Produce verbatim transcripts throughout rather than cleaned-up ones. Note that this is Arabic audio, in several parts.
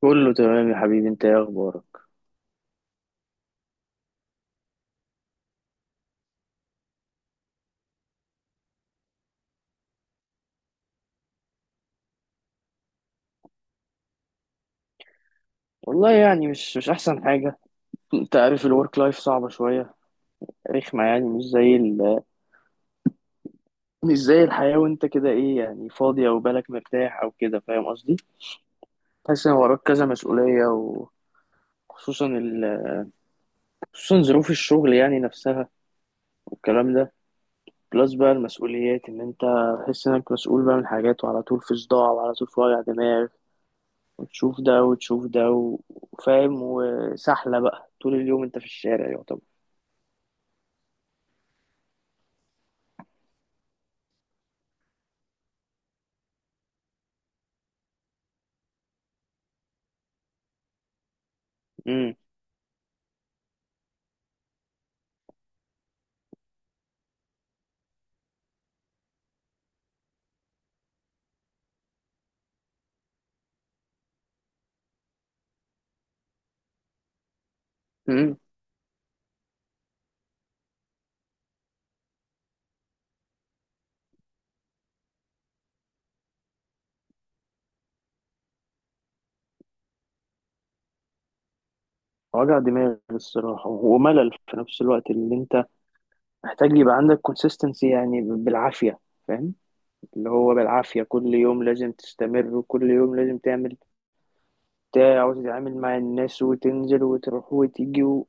كله تمام يا حبيبي، انت ايه اخبارك؟ والله يعني مش مش احسن حاجه. انت عارف الورك لايف صعبه شويه، رخمه يعني. مش زي ال... مش زي الحياه. وانت كده ايه، يعني فاضي او بالك مرتاح او كده، فاهم قصدي؟ تحس ان وراك كذا مسؤوليه، وخصوصا ال... خصوصا ظروف الشغل يعني نفسها والكلام ده. بلس بقى المسؤوليات، ان انت تحس انك مسؤول بقى من حاجات، وعلى طول في صداع، وعلى طول في وجع دماغ، وتشوف ده وتشوف ده و- وفاهم، وسحله بقى طول اليوم انت في الشارع يعتبر. امم وجع دماغ الصراحة، وملل في نفس الوقت اللي انت محتاج يبقى عندك كونسيستنسي، يعني بالعافية. فاهم؟ اللي هو بالعافية كل يوم لازم تستمر، وكل يوم لازم تعمل بتاع، وتتعامل مع الناس، وتنزل وتروح وتيجي و-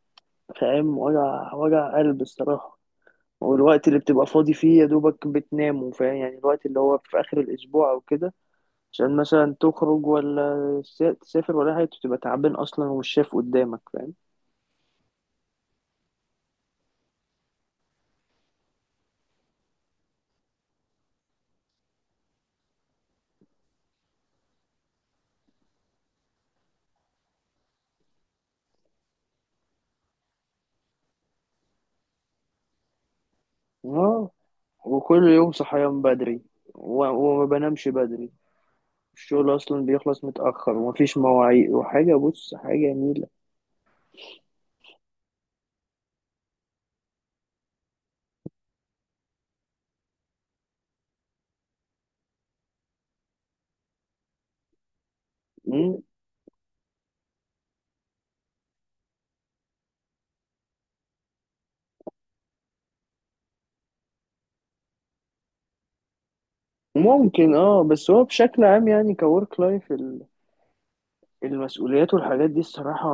فاهم. وجع وجع قلب الصراحة. والوقت اللي بتبقى فاضي فيه يا دوبك بتنام، فاهم؟ يعني الوقت اللي هو في آخر الأسبوع أو كده، عشان مثلا تخرج ولا تسافر ولا حاجة، بتبقى تعبان أصلا والشاف قدامك فاهم. اه، وكل يوم صحيان بدري، و- وما بنامش بدري. الشغل اصلا بيخلص متاخر، ومفيش مواعيد وحاجه، بص حاجه نيله. مم. ممكن اه، بس هو بشكل عام يعني كورك لايف، المسؤوليات والحاجات دي، الصراحه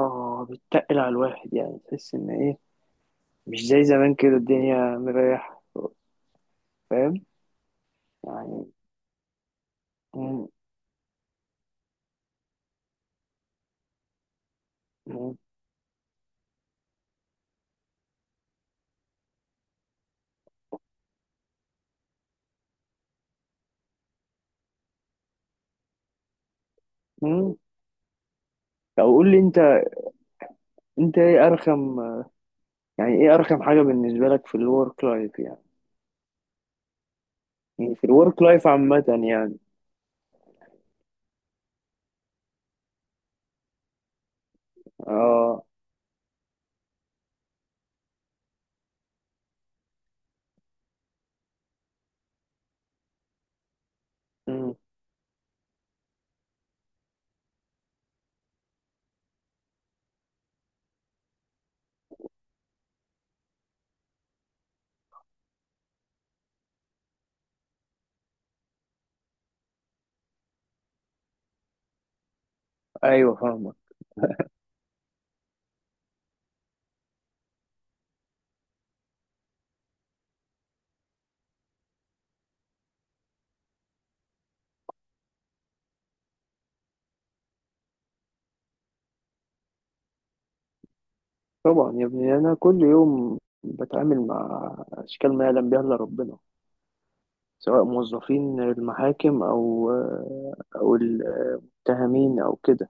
بتتقل على الواحد. يعني تحس ان ايه، مش زي زمان كده الدنيا مريحه. فاهم؟ يعني. مم. مم. مم. طب قول لي انت، انت ايه ارخم؟ يعني ايه ارخم حاجه بالنسبه لك في الورك لايف؟ يعني يعني في الورك لايف عامه، يعني. اه. مم. ايوه، فاهمك. طبعا يا ابني، انا كل يوم بتعامل مع اشكال ما يعلم بها الا ربنا، سواء موظفين المحاكم او او المتهمين او كده.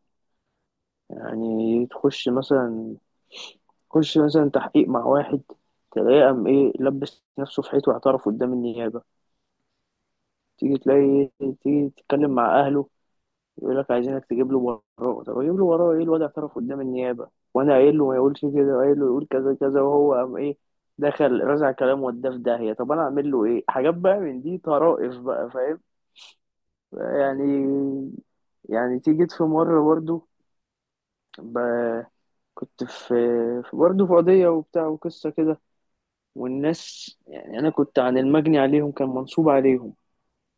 يعني تخش مثلا تخش مثلا تحقيق مع واحد، تلاقيه قام ايه، لبس نفسه في حيط واعترف قدام النيابه. تيجي تلاقي تيجي تتكلم مع اهله، يقول لك عايزينك تجيب له وراه. طب اجيب له وراه ايه؟ الواد اعترف قدام النيابه، وانا قايل له ما يقولش كده، وقايل له يقول كذا كذا، وهو قام ايه، دخل رزع كلام وداه في داهيه. طب انا اعمل له ايه؟ حاجات بقى من دي، طرائف بقى، فاهم؟ يعني. يعني تيجي في مره برضو، ب... كنت في، في- برضه في قضية وبتاع وقصة كده. والناس يعني، أنا كنت عن المجني عليهم، كان منصوب عليهم،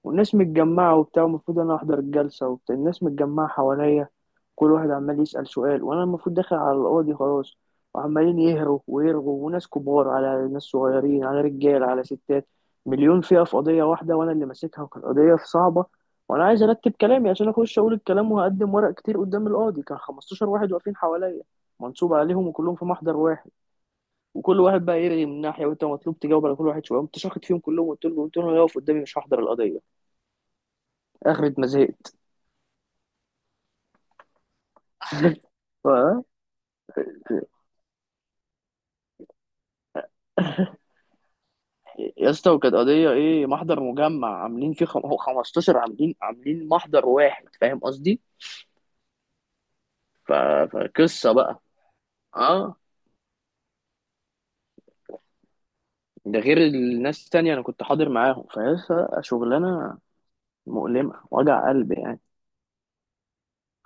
والناس متجمعة وبتاع. المفروض أنا أحضر الجلسة، وبتاع الناس متجمعة حواليا، كل واحد عمال يسأل سؤال، وأنا المفروض داخل على القاضي خلاص. وعمالين يهروا ويرغوا، وناس كبار على ناس صغيرين، على رجال على ستات، مليون فئة في قضية واحدة، وأنا اللي ماسكها، وكانت قضية صعبة. وأنا عايز أرتب كلامي عشان أخش أقول الكلام، وهقدم ورق كتير قدام القاضي، كان 15 واحد واقفين حواليا، منصوب عليهم وكلهم في محضر واحد. وكل واحد بقى يرغي من ناحية، وأنت مطلوب تجاوب على كل واحد شوية. قمت شاخد فيهم كلهم، قلت لهم قلت لهم يقف قدامي، مش هحضر القضية اخرة ما زهقت. ف- يا اسطى، وكانت قضية ايه، محضر مجمع عاملين فيه خم... هو خمستاشر، عاملين عاملين محضر واحد، فاهم قصدي؟ ف... فقصة بقى، اه. ده غير الناس التانية انا كنت حاضر معاهم فيا. شغلانة مؤلمة، وجع قلب يعني.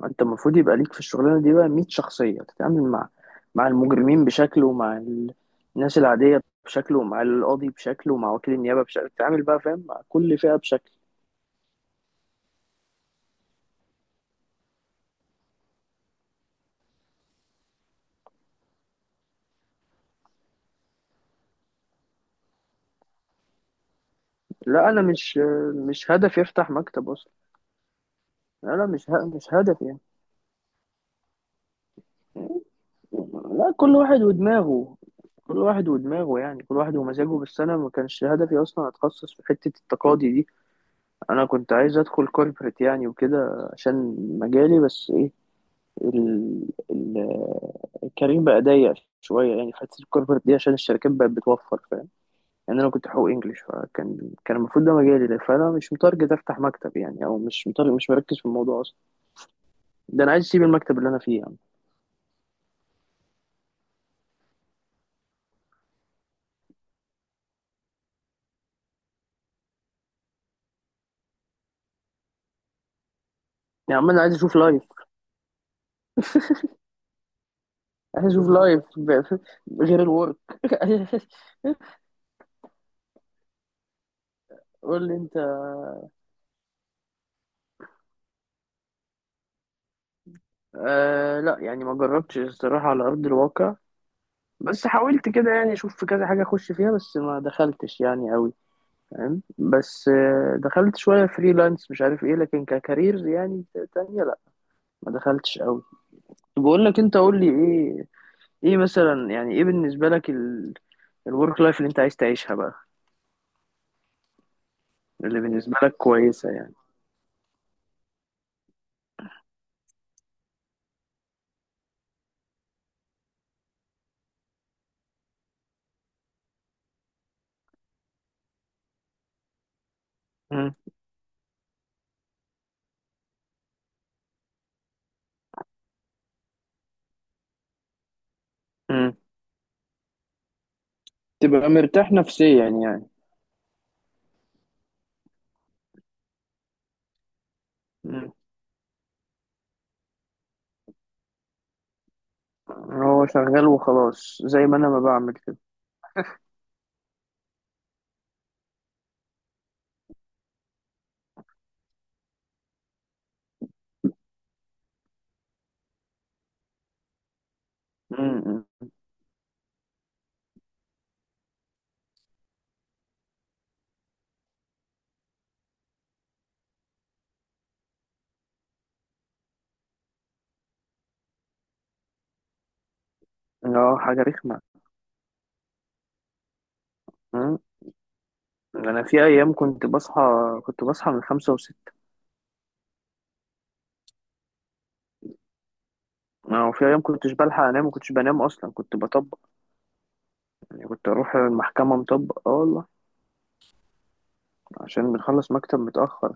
انت المفروض يبقى ليك في الشغلانة دي بقى 100 شخصية، تتعامل مع مع المجرمين بشكل، ومع ال- الناس العادية بشكل، ومع القاضي بشكل، ومع وكيل النيابة بشكل، تتعامل بقى فاهم مع كل فئة بشكل. لا انا مش مش هدف يفتح مكتب اصلا. لا، لا، مش ه... مش هدف يعني. لا، كل واحد ودماغه، كل واحد ودماغه. يعني كل واحد ومزاجه، بس انا ما كانش هدفي اصلا اتخصص في حتة التقاضي دي. انا كنت عايز ادخل كوربريت يعني وكده، عشان مجالي. بس ايه، ال... ال... الكارير بقى ضيق شوية، يعني في حتة الكوربريت دي، عشان الشركات بقت بتوفر، فاهم يعني. انا كنت حقوق انجلش، فكان كان المفروض ده مجالي، فانا مش متارجت افتح مكتب يعني، او مش متارجت، مش مركز في الموضوع اصلا. ده انا عايز اسيب المكتب اللي انا فيه يعني. يعني عمال عايز اشوف لايف. عايز اشوف لايف ب- غير الورك. قول لي انت. آه لا، يعني ما جربتش الصراحه على ارض الواقع، بس حاولت كده، يعني اشوف في كذا حاجه اخش فيها، بس ما دخلتش يعني قوي، فاهم. بس آه دخلت شويه فريلانس مش عارف ايه، لكن ككارير يعني تانية لا، ما دخلتش قوي. طب بقول لك، انت قول لي ايه، ايه مثلا، يعني ايه بالنسبه لك الورك لايف اللي انت عايز تعيشها بقى، اللي بالنسبه لك كويسه يعني؟ مم. تبقى مرتاح نفسيا يعني. مم. هو شغال وخلاص، زي ما انا ما بعمل كده. مم. مم. اه، حاجة رخمة. مم. انا في ايام كنت بصحى، كنت بصحى من خمسة وستة. اه، وفي ايام كنتش بلحق انام، وكنتش بنام اصلا، كنت بطبق يعني. كنت اروح المحكمة مطبق، اه والله، عشان بنخلص مكتب متأخر،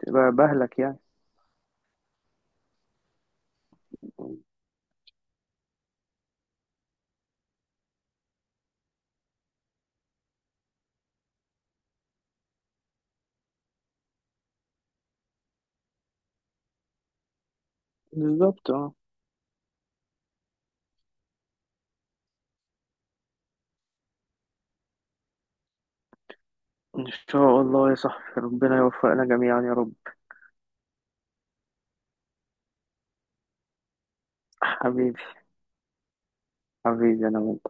فتبقى بهلك يعني. بالظبط، اه. ان شاء الله يا صاحبي، ربنا يوفقنا جميعا يا رب. حبيبي. حبيبي انا وانت.